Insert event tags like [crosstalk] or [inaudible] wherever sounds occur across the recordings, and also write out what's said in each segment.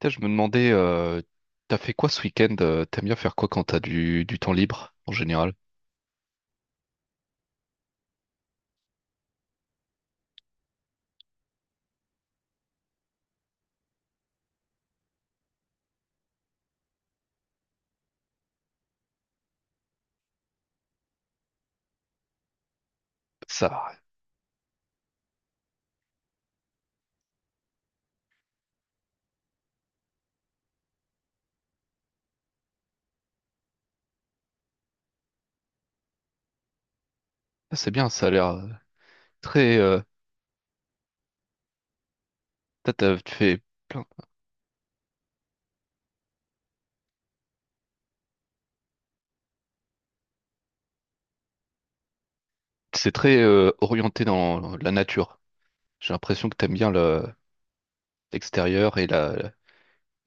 Putain, je me demandais, t'as fait quoi ce week-end? T'aimes bien faire quoi quand t'as du temps libre en général? Ça, ça, c'est bien, ça a l'air très. Fait plein. C'est très orienté dans la nature. J'ai l'impression que t'aimes bien l'extérieur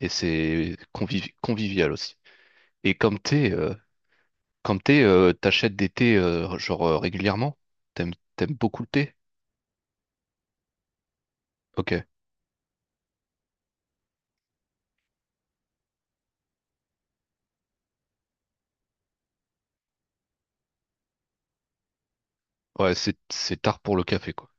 et c'est convivial aussi. Et comme t'es Comme thé, t'achètes des thés régulièrement? T'aimes beaucoup le thé? Ok. Ouais, c'est tard pour le café quoi.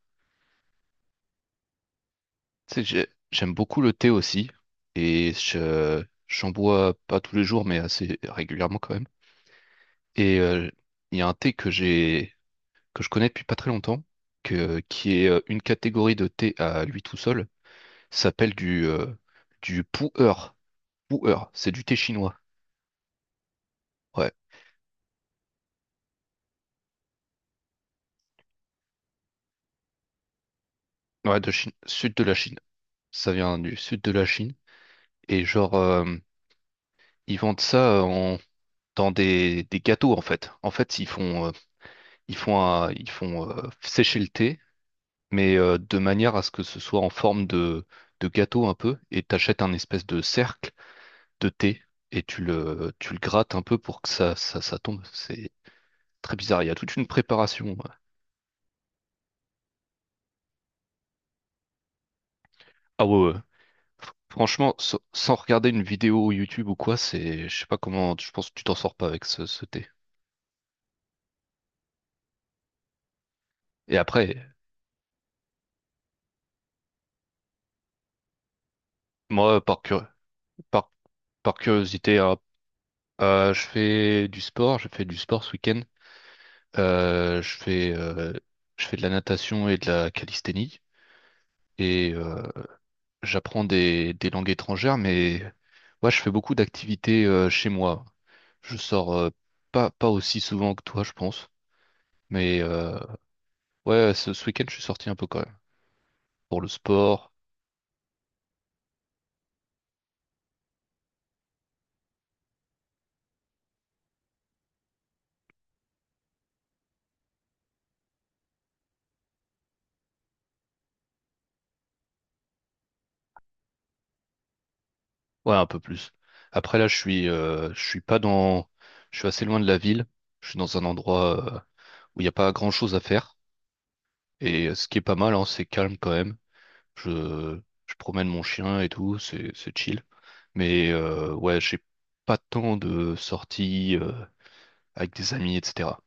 Tu sais, j'aime beaucoup le thé aussi et je j'en bois pas tous les jours mais assez régulièrement quand même. Et il y a un thé que je connais depuis pas très longtemps que qui est une catégorie de thé à lui tout seul. Ça s'appelle du pu'er. Pu'er, c'est du thé chinois. Ouais, ouais, de Chine, sud de la Chine. Ça vient du sud de la Chine. Et genre, ils vendent ça en- dans des gâteaux en fait. En fait, ils font sécher le thé, mais de manière à ce que ce soit en forme de gâteau un peu. Et t'achètes un espèce de cercle de thé et tu le grattes un peu pour que ça tombe. C'est très bizarre. Il y a toute une préparation. Ah ouais, ouais. Franchement, sans regarder une vidéo YouTube ou quoi, c'est, je sais pas comment, je pense que tu t'en sors pas avec ce thé. Et après, moi, par, cur- par par curiosité, hein, je fais du sport ce week-end. Euh, je fais, euh, je fais de la natation et de la calisthénie et j'apprends des langues étrangères, mais ouais, je fais beaucoup d'activités chez moi. Je sors pas, pas aussi souvent que toi, je pense, mais ouais, ce week-end, je suis sorti un peu quand même pour le sport, ouais, un peu plus. Après là, je suis pas dans, je suis assez loin de la ville. Je suis dans un endroit où il n'y a pas grand-chose à faire. Et ce qui est pas mal, hein, c'est calme quand même. Je, je promène mon chien et tout, c'est chill. Mais ouais, j'ai pas tant de sorties avec des amis, etc.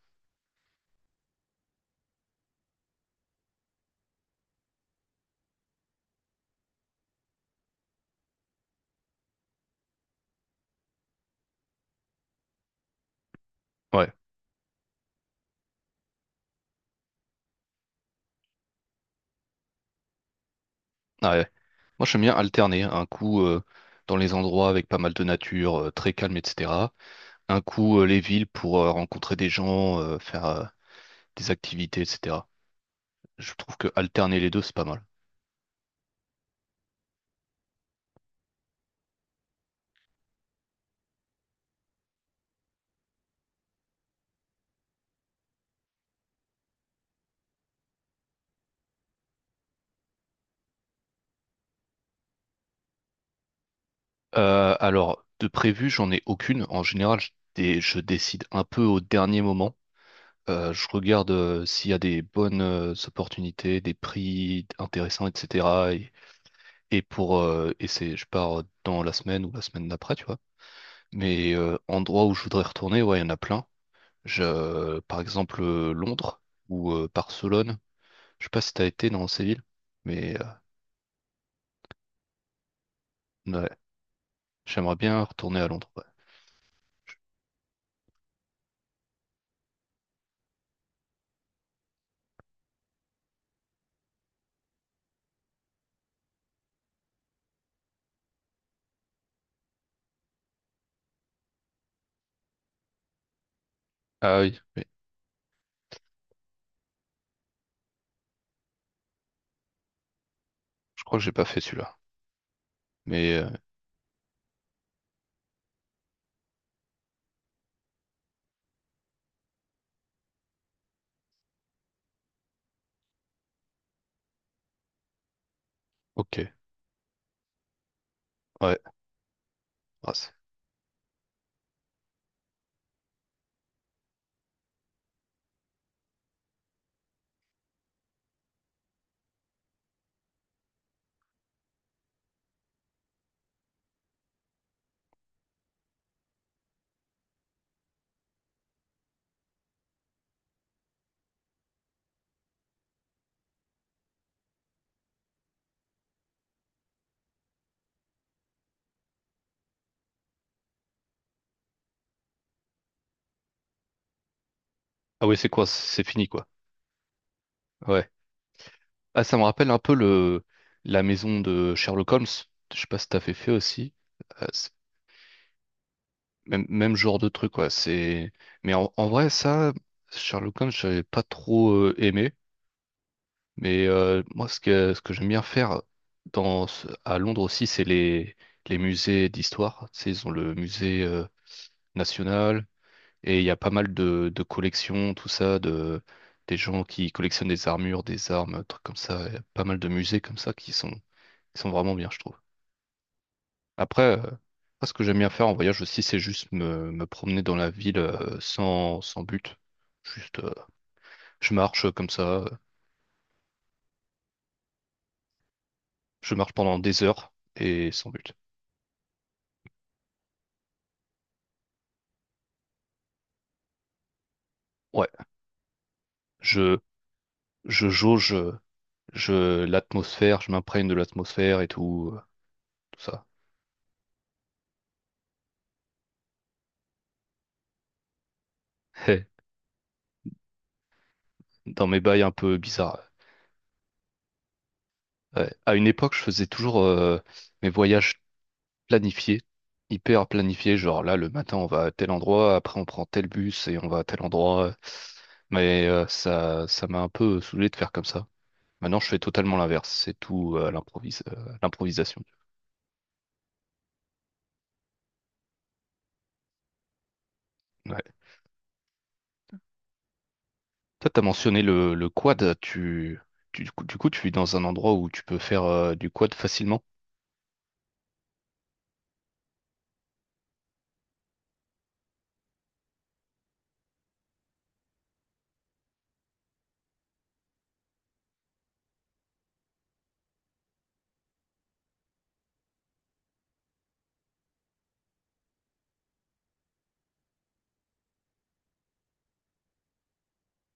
Ouais, ah ouais. Moi, j'aime bien alterner un coup dans les endroits avec pas mal de nature, très calme, etc., un coup les villes pour rencontrer des gens, faire des activités, etc. Je trouve que alterner les deux, c'est pas mal. Alors, de prévu, j'en ai aucune. En général, je décide un peu au dernier moment. Je regarde s'il y a des bonnes opportunités, des prix intéressants, etc. Et pour et c'est Je pars dans la semaine ou la semaine d'après, tu vois. Mais endroits où je voudrais retourner, ouais, il y en a plein. Par exemple Londres ou Barcelone. Je sais pas si t'as été dans ces villes, mais ouais, j'aimerais bien retourner à Londres. Ouais. Ah oui, oui, je crois que j'ai pas fait celui-là. Mais ok, ouais. Ah, c'est- ah oui, c'est quoi? C'est fini quoi. Ouais. Ah, ça me rappelle un peu le la maison de Sherlock Holmes. Je sais pas si t'as fait aussi. Euh, c'est- Même, même genre de truc, quoi. C'est... Mais en, en vrai, ça, Sherlock Holmes, j'avais pas trop aimé. Mais moi, ce que j'aime bien faire à Londres aussi, les musées d'histoire. Tu sais, ils ont le musée national et il y a pas mal de collections, tout ça, de des gens qui collectionnent des armures, des armes, trucs comme ça. Il y a pas mal de musées comme ça qui sont vraiment bien, je trouve. Après, moi, ce que j'aime bien faire en voyage aussi, c'est juste me promener dans la ville sans but. Juste, euh, je marche comme ça, je marche pendant des heures et sans but. Ouais, je, je jauge l'atmosphère, je m'imprègne de l'atmosphère et tout, tout ça. [laughs] Dans mes bails un peu bizarres. Ouais. À une époque, je faisais toujours mes voyages planifié, hyper planifié, genre là le matin on va à tel endroit, après on prend tel bus et on va à tel endroit. Mais ça m'a un peu saoulé de faire comme ça. Maintenant je fais totalement l'inverse, c'est tout à l'improvisation. Ouais. Toi t'as mentionné le quad, du coup, tu es dans un endroit où tu peux faire du quad facilement.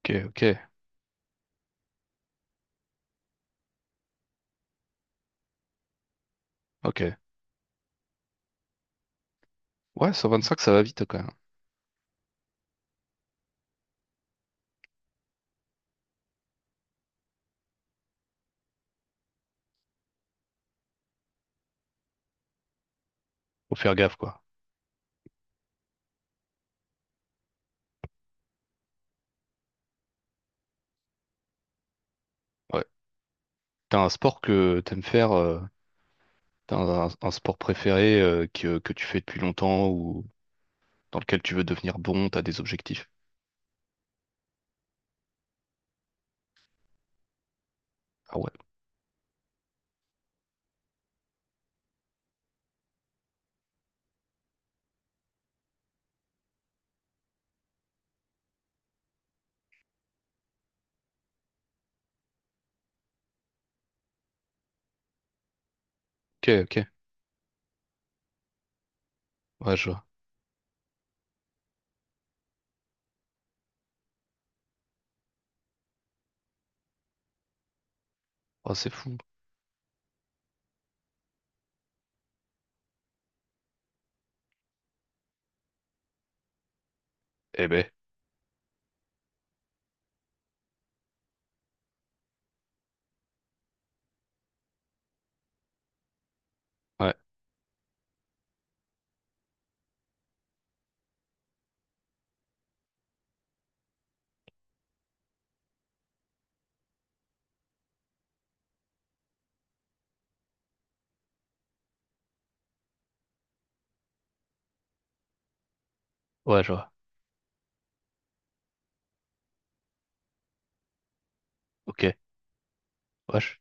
Ok, ok, ok. Ouais, 125 ça va vite quand même. Faut faire gaffe quoi. Ouais. T'as un sport que t'aimes faire, un sport préféré que tu fais depuis longtemps ou dans lequel tu veux devenir bon, t'as des objectifs. Ah ouais, ok, ouais, je vois. Oh, c'est fou. Eh ben, ouais, ouais, je vois. Ok, wesh,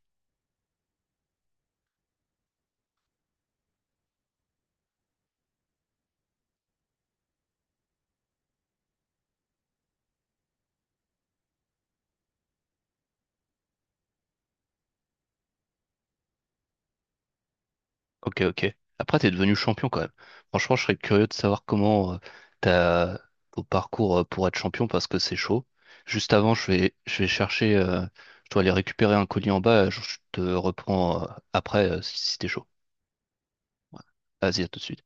ok. Après, t'es devenu champion quand même. Franchement, je serais curieux de savoir comment t'as ton parcours pour être champion parce que c'est chaud. Juste avant, je vais chercher, je dois aller récupérer un colis en bas, je te reprends après si t'es chaud. Ouais. Vas-y, à tout de suite.